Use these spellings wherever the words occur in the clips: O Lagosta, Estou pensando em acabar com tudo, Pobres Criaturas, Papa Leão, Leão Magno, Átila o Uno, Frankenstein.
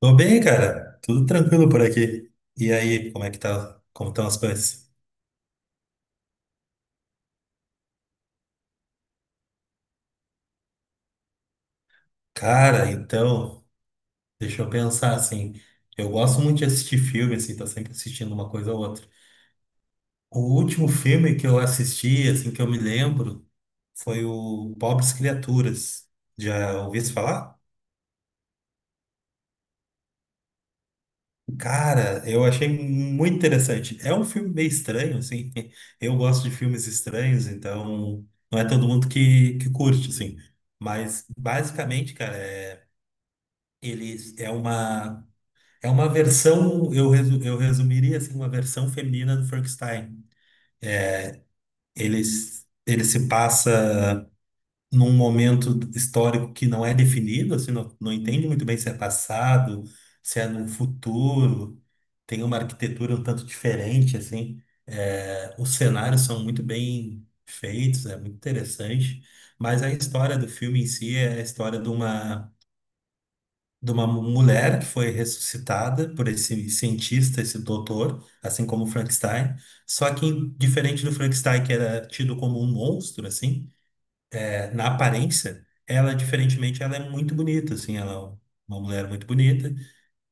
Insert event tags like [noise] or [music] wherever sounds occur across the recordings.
Tô bem, cara. Tudo tranquilo por aqui. E aí, como é que tá? Como estão as coisas? Cara, então, deixa eu pensar assim. Eu gosto muito de assistir filme, assim, tô sempre assistindo uma coisa ou outra. O último filme que eu assisti, assim, que eu me lembro, foi o Pobres Criaturas. Já ouviu se falar? Cara, eu achei muito interessante. É um filme meio estranho, assim. Eu gosto de filmes estranhos, então não é todo mundo que curte, assim. Mas basicamente, cara, ele é uma versão, eu resumiria assim, uma versão feminina do Frankenstein. Ele, ele se passa num momento histórico que não é definido, assim, não entende muito bem se é passado, se é no futuro, tem uma arquitetura um tanto diferente, assim, os cenários são muito bem feitos, é muito interessante, mas a história do filme em si é a história de uma mulher que foi ressuscitada por esse cientista, esse doutor, assim como o Frankenstein, só que diferente do Frankenstein, que era tido como um monstro, assim, na aparência, ela, diferentemente, ela é muito bonita, assim, ela é uma mulher muito bonita.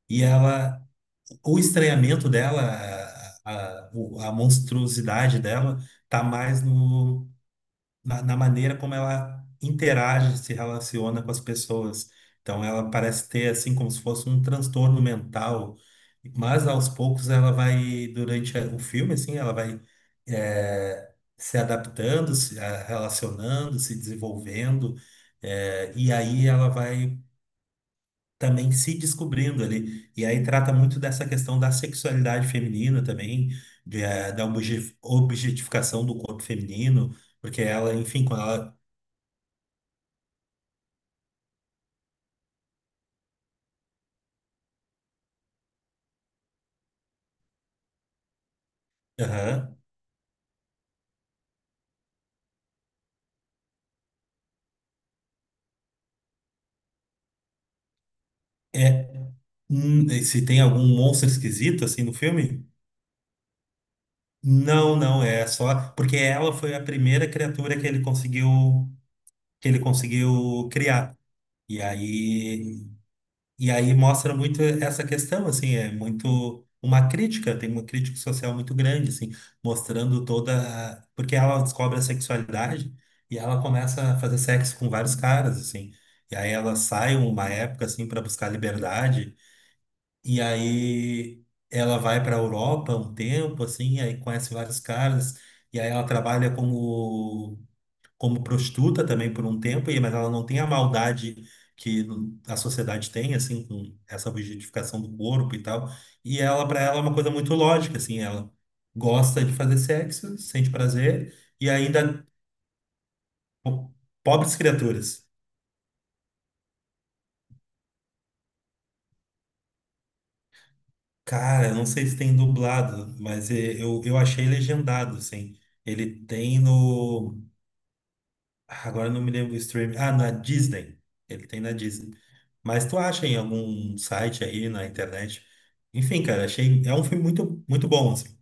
E ela, o estranhamento dela, a monstruosidade dela, tá mais no, na, na maneira como ela interage, se relaciona com as pessoas. Então, ela parece ter, assim, como se fosse um transtorno mental, mas aos poucos ela vai, durante o filme, assim, ela vai eh, se adaptando, se relacionando, se desenvolvendo, e aí ela vai também se descobrindo ali. E aí trata muito dessa questão da sexualidade feminina também, da objetificação do corpo feminino, porque ela, enfim, quando ela. Aham. É, e se tem algum monstro esquisito assim no filme? Não, não, é só porque ela foi a primeira criatura que ele conseguiu criar. E aí e aí mostra muito essa questão assim, é muito uma crítica, tem uma crítica social muito grande assim, mostrando toda porque ela descobre a sexualidade e ela começa a fazer sexo com vários caras assim. E aí ela sai uma época assim para buscar liberdade. E aí ela vai para a Europa um tempo, assim, aí conhece vários caras, e aí ela trabalha como prostituta também por um tempo, e mas ela não tem a maldade que a sociedade tem, assim, com essa objetificação do corpo e tal. E ela, para ela, é uma coisa muito lógica, assim, ela gosta de fazer sexo, sente prazer, e ainda, po- pobres criaturas. Cara, eu não sei se tem dublado, mas eu achei legendado, assim. Ele tem no. Agora eu não me lembro o streaming. Ah, na Disney. Ele tem na Disney. Mas tu acha em algum site aí na internet? Enfim, cara, achei. É um filme muito, muito bom, assim.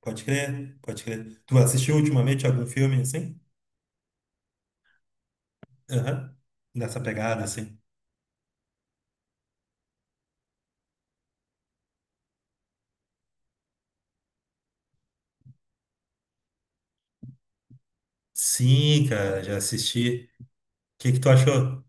Pode crer, pode crer. Tu assistiu ultimamente algum filme assim? Aham. Nessa pegada, assim. Sim, cara, já assisti. O que que tu achou?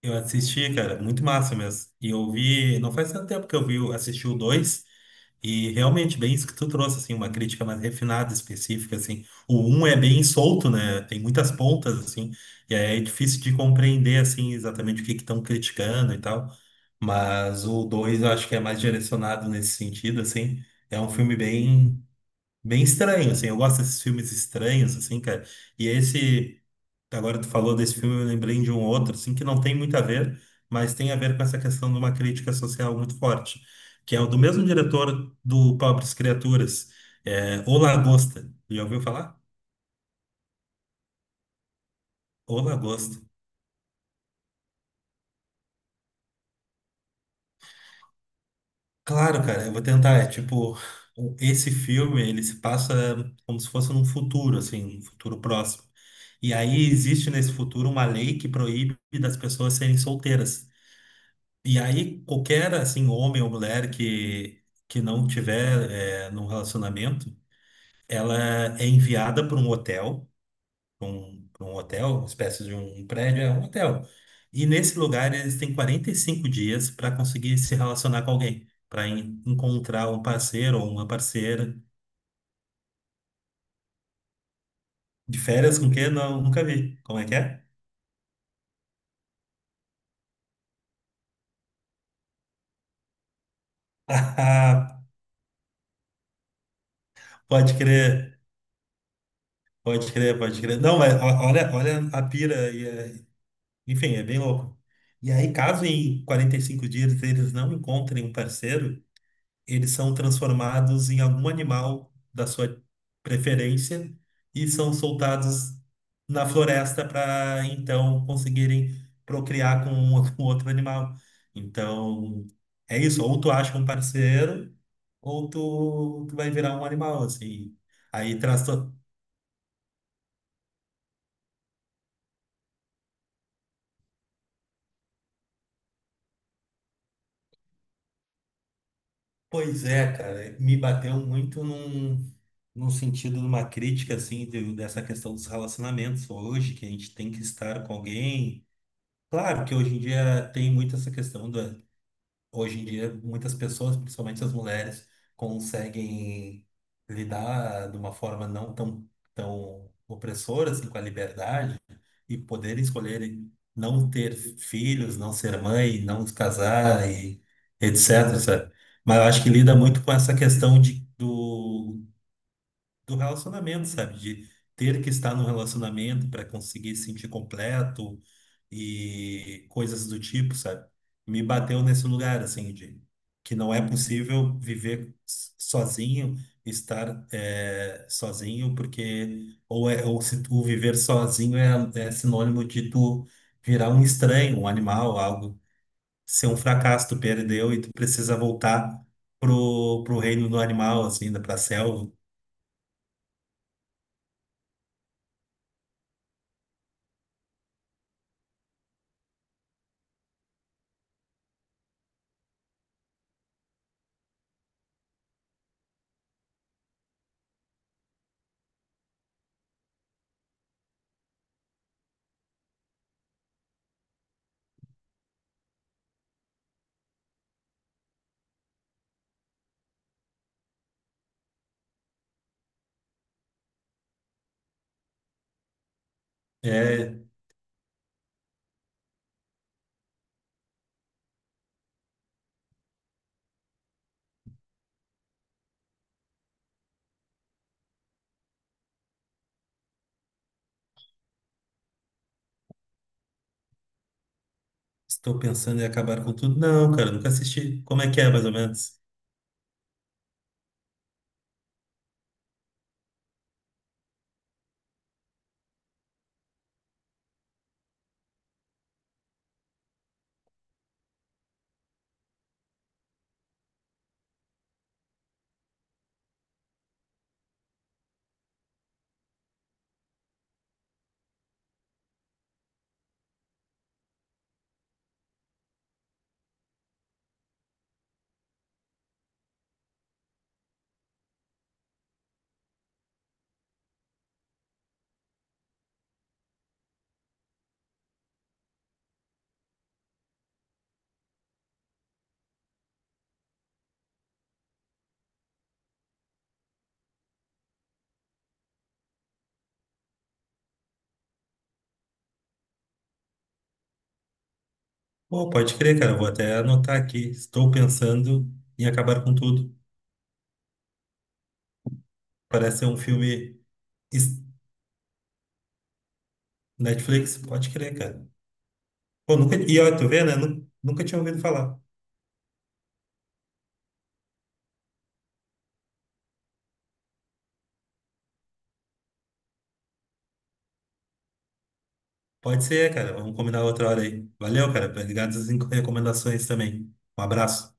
Eu assisti, cara, muito massa mesmo. E eu vi. Não faz tanto tempo que eu vi, assisti o dois. E realmente, bem isso que tu trouxe, assim, uma crítica mais refinada, específica, assim. O um é bem solto, né? Tem muitas pontas, assim, e aí é difícil de compreender, assim, exatamente o que que estão criticando e tal. Mas o dois eu acho que é mais direcionado nesse sentido, assim. É um filme bem, bem estranho, assim. Eu gosto desses filmes estranhos, assim, cara. E esse. Agora tu falou desse filme, eu lembrei de um outro, assim, que não tem muito a ver, mas tem a ver com essa questão de uma crítica social muito forte, que é o do mesmo diretor do Pobres Criaturas, O Lagosta. Já ouviu falar? O Lagosta. Claro, cara, eu vou tentar. É tipo, esse filme, ele se passa como se fosse num futuro, assim, um futuro próximo. E aí existe nesse futuro uma lei que proíbe das pessoas serem solteiras. E aí, qualquer assim, homem ou mulher que não tiver num relacionamento, ela é enviada para um hotel, pra um hotel, uma espécie de um prédio, é um hotel. E nesse lugar eles têm 45 dias para conseguir se relacionar com alguém, para encontrar um parceiro ou uma parceira. De férias com quem? Não, nunca vi. Como é que é? [laughs] Pode crer, pode crer, pode crer. Não, mas olha, olha a pira aí. Enfim, é bem louco. E aí, caso em 45 dias eles não encontrem um parceiro, eles são transformados em algum animal da sua preferência e são soltados na floresta para então conseguirem procriar [laughs] com outro animal. Então, é isso. Ou tu acha um parceiro, ou tu vai virar um animal, assim. Aí traz to- Pois é, cara, me bateu muito num sentido de uma crítica, assim, dessa questão dos relacionamentos hoje, que a gente tem que estar com alguém. Claro que hoje em dia tem muito essa questão hoje em dia muitas pessoas, principalmente as mulheres, conseguem lidar de uma forma não tão, tão opressora, assim, com a liberdade, e poder escolher não ter filhos, não ser mãe, não se casar e etc, sabe? Mas eu acho que lida muito com essa questão do relacionamento, sabe? De ter que estar num relacionamento para conseguir se sentir completo e coisas do tipo, sabe? Me bateu nesse lugar, assim, de que não é possível viver sozinho, estar sozinho, porque ou se tu viver sozinho é sinônimo de tu virar um estranho, um animal, algo, ser um fracasso, tu perdeu e tu precisa voltar pro reino do animal, assim, pra selva. É, estou pensando em acabar com tudo. Não, cara, nunca assisti. Como é que é, mais ou menos? Pô, pode crer, cara. Eu vou até anotar aqui. Estou pensando em acabar com tudo. Parece ser um filme es- Netflix. Pode crer, cara. Pô, nunca... E ó, tu vê, né? Nunca tinha ouvido falar. Pode ser, cara. Vamos combinar outra hora aí. Valeu, cara. Obrigado pelas recomendações também. Um abraço.